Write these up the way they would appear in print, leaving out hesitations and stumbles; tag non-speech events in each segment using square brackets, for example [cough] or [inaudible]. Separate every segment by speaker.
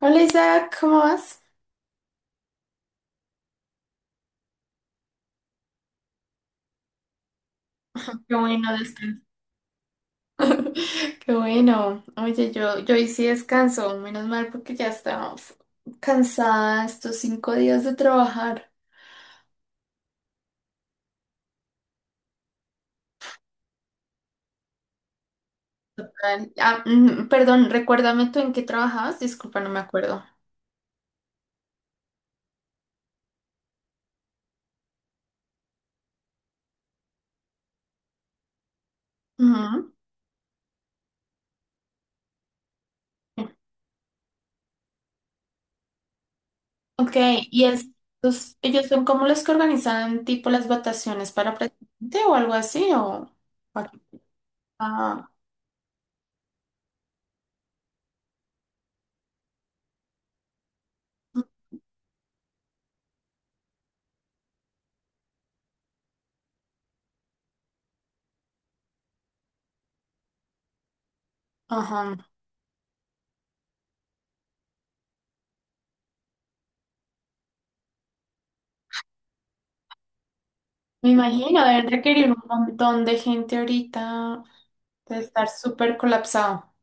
Speaker 1: Hola Isaac, ¿cómo vas? Qué bueno, descanso. [laughs] Qué bueno. Oye, yo hoy sí descanso, menos mal porque ya estaba cansada estos 5 días de trabajar. Perdón, recuérdame tú en qué trabajabas, disculpa, no me acuerdo. Ujú. Ok, y estos, ellos son como los que organizan tipo las votaciones para presidente o algo así, Ah, ah, ajá. Me imagino, deben requerir un montón de gente ahorita. De estar súper colapsado.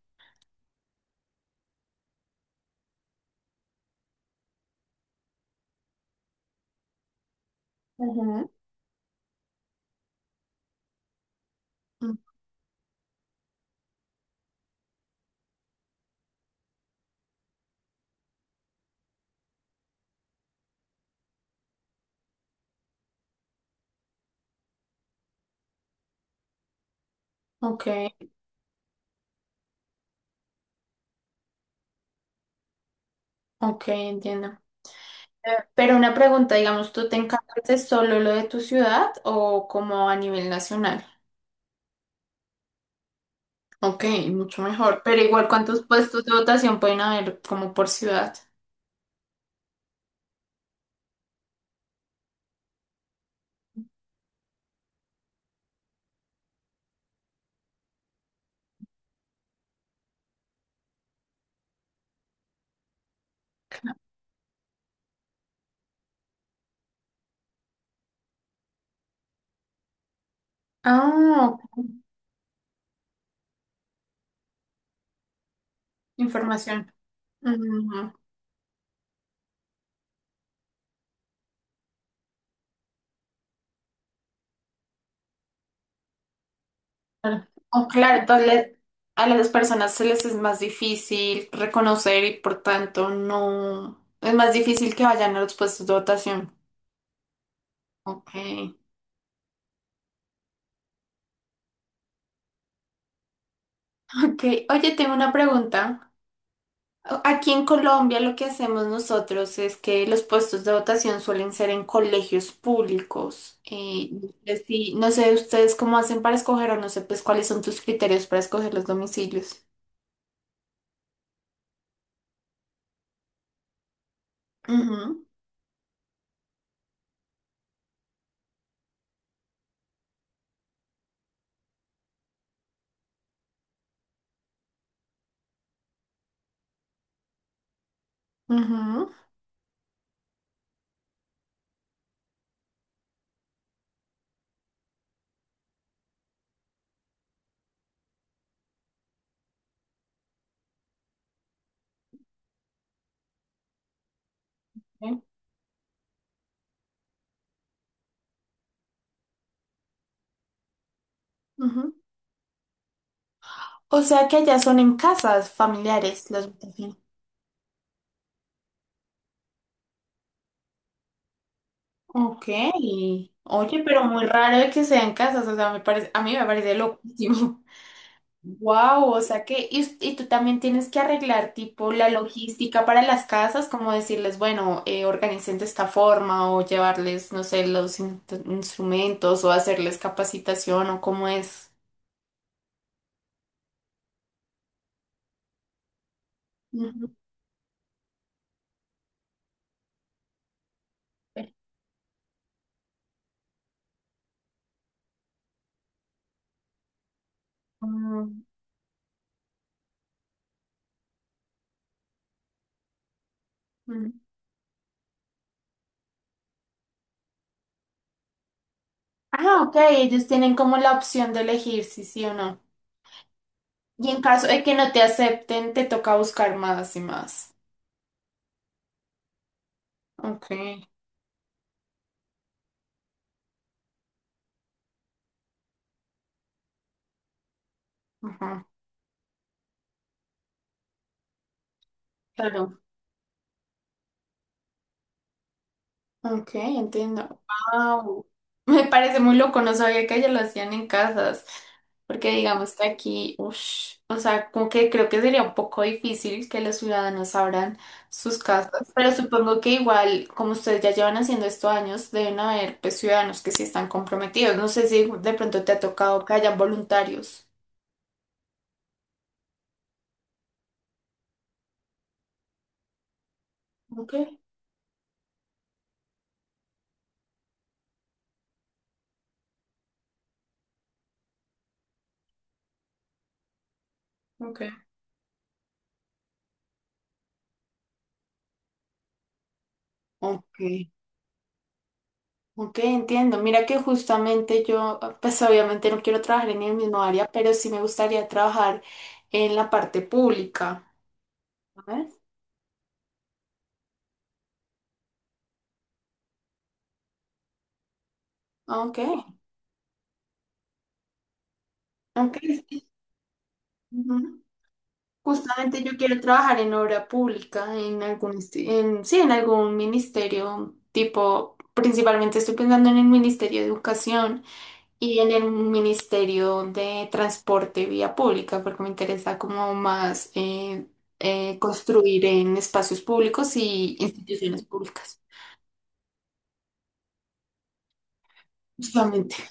Speaker 1: Ujú. Mm, ok, ok, entiendo. Pero una pregunta, digamos, ¿tú te encargas de solo lo de tu ciudad o como a nivel nacional? Ok, mucho mejor. Pero igual, ¿cuántos puestos de votación pueden haber como por ciudad? Ah, ok, información. Mm, claro. Oh, claro, entonces a las personas se les es más difícil reconocer y por tanto no es más difícil que vayan a los puestos de votación. Ok. Ok, oye, tengo una pregunta. Aquí en Colombia lo que hacemos nosotros es que los puestos de votación suelen ser en colegios públicos. No sé ustedes cómo hacen para escoger o no sé pues cuáles son tus criterios para escoger los domicilios. Ujú, ujú, ok, ujú. O sea que allá son en casas familiares las votaciones. Ok, oye, pero muy raro de que sean casas, o sea, me parece, a mí me parece loquísimo. Wow, o sea que, y tú también tienes que arreglar tipo la logística para las casas, como decirles, bueno, organicen de esta forma o llevarles, no sé, instrumentos o hacerles capacitación o cómo es. Ujú. Mm, mm. Ah, ok, ellos tienen como la opción de elegir si sí o no. Y en caso de que no te acepten, te toca buscar más y más. Ok, ajá, claro. Ok, entiendo. Wow. [laughs] Me parece muy loco, no sabía que allá lo hacían en casas, porque digamos que aquí, ush, o sea, como que creo que sería un poco difícil que los ciudadanos abran sus casas, pero supongo que igual, como ustedes ya llevan haciendo esto años, deben haber pues ciudadanos que sí están comprometidos. No sé si de pronto te ha tocado que hayan voluntarios. Ok, ok. Ok. Ok, entiendo. Mira que justamente yo, pues obviamente no quiero trabajar en el mismo área, pero sí me gustaría trabajar en la parte pública. ¿Sabes? Ok, ok, sí, ujú. Justamente yo quiero trabajar en obra pública, en, sí, en algún ministerio, tipo, principalmente estoy pensando en el Ministerio de Educación. Y en el Ministerio de Transporte y Vía Pública, porque me interesa como más construir en espacios públicos y instituciones públicas, justamente.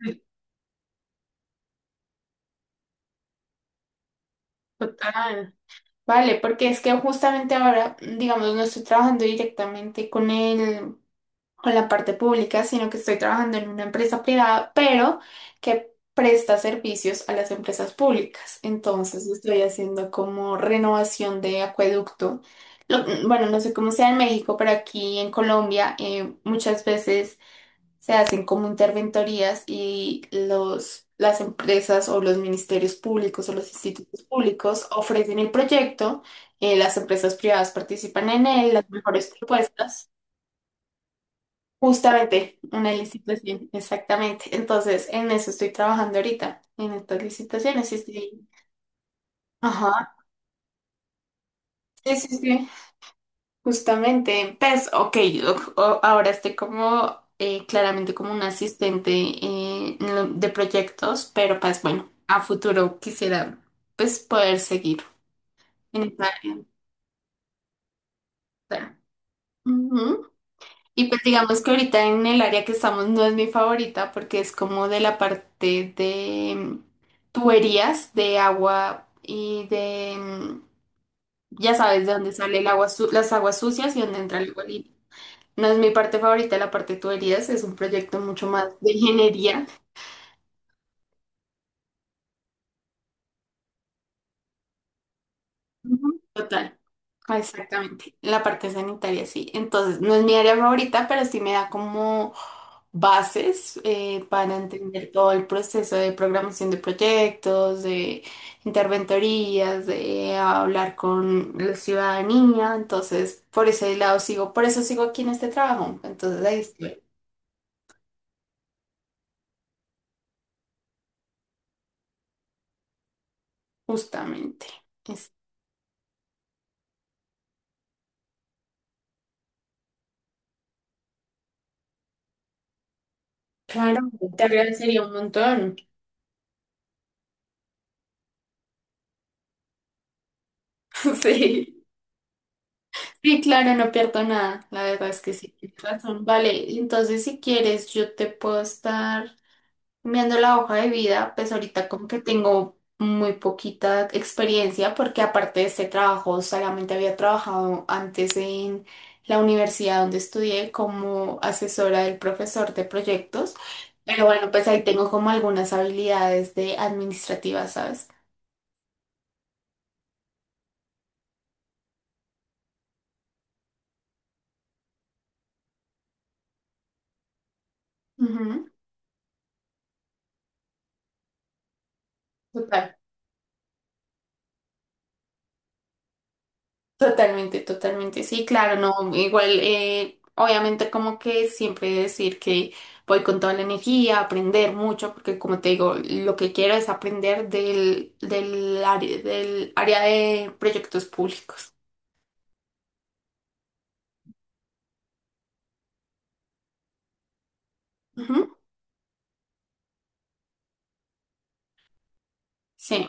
Speaker 1: Sí, total. Vale, porque es que justamente ahora, digamos, no estoy trabajando directamente con la parte pública, sino que estoy trabajando en una empresa privada, pero que presta servicios a las empresas públicas. Entonces estoy haciendo como renovación de acueducto. Bueno, no sé cómo sea en México, pero aquí en Colombia muchas veces se hacen como interventorías y las empresas o los ministerios públicos o los institutos públicos ofrecen el proyecto, las empresas privadas participan en él, las mejores propuestas. Justamente, una licitación, exactamente. Entonces, en eso estoy trabajando ahorita, en estas licitaciones. Sí, estoy ajá, sí, sí, sí. Justamente, pues, ok, ahora estoy como, claramente como un asistente de proyectos, pero pues bueno, a futuro quisiera, pues, poder seguir en esta área. Ujú. Y pues digamos que ahorita en el área que estamos no es mi favorita porque es como de la parte de tuberías de agua ya sabes, de dónde sale el agua, las aguas sucias y dónde entra el agua limpia. No es mi parte favorita, la parte de tuberías es un proyecto mucho más de ingeniería. Ujú. Total, ah, exactamente. La parte sanitaria, sí. Entonces, no es mi área favorita, pero sí me da como bases para entender todo el proceso de programación de proyectos, de interventorías, de hablar con la ciudadanía. Entonces, por ese lado sigo, por eso sigo aquí en este trabajo. Entonces, ahí estoy, justamente. Es- claro, te agradecería un montón. [laughs] Sí. Sí, claro, no pierdo nada. La verdad es que sí, tienes razón. Vale, entonces si quieres, yo te puedo estar viendo la hoja de vida, pues ahorita como que tengo muy poquita experiencia porque aparte de este trabajo solamente había trabajado antes en la universidad donde estudié como asesora del profesor de proyectos, pero bueno, pues ahí tengo como algunas habilidades de administrativas, ¿sabes? Ujú, total. Totalmente, totalmente, sí, claro, no, igual, obviamente como que siempre decir que voy con toda la energía, aprender mucho, porque como te digo, lo que quiero es aprender del área de proyectos públicos. Ujú, sí,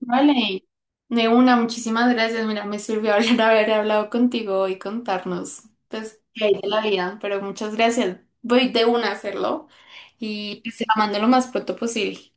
Speaker 1: vale, de una, muchísimas gracias, mira, me sirvió hablar, [laughs] haber hablado contigo y contarnos, pues, qué hay de la vida, pero muchas gracias, voy de una a hacerlo y pues, te la mando lo más pronto posible.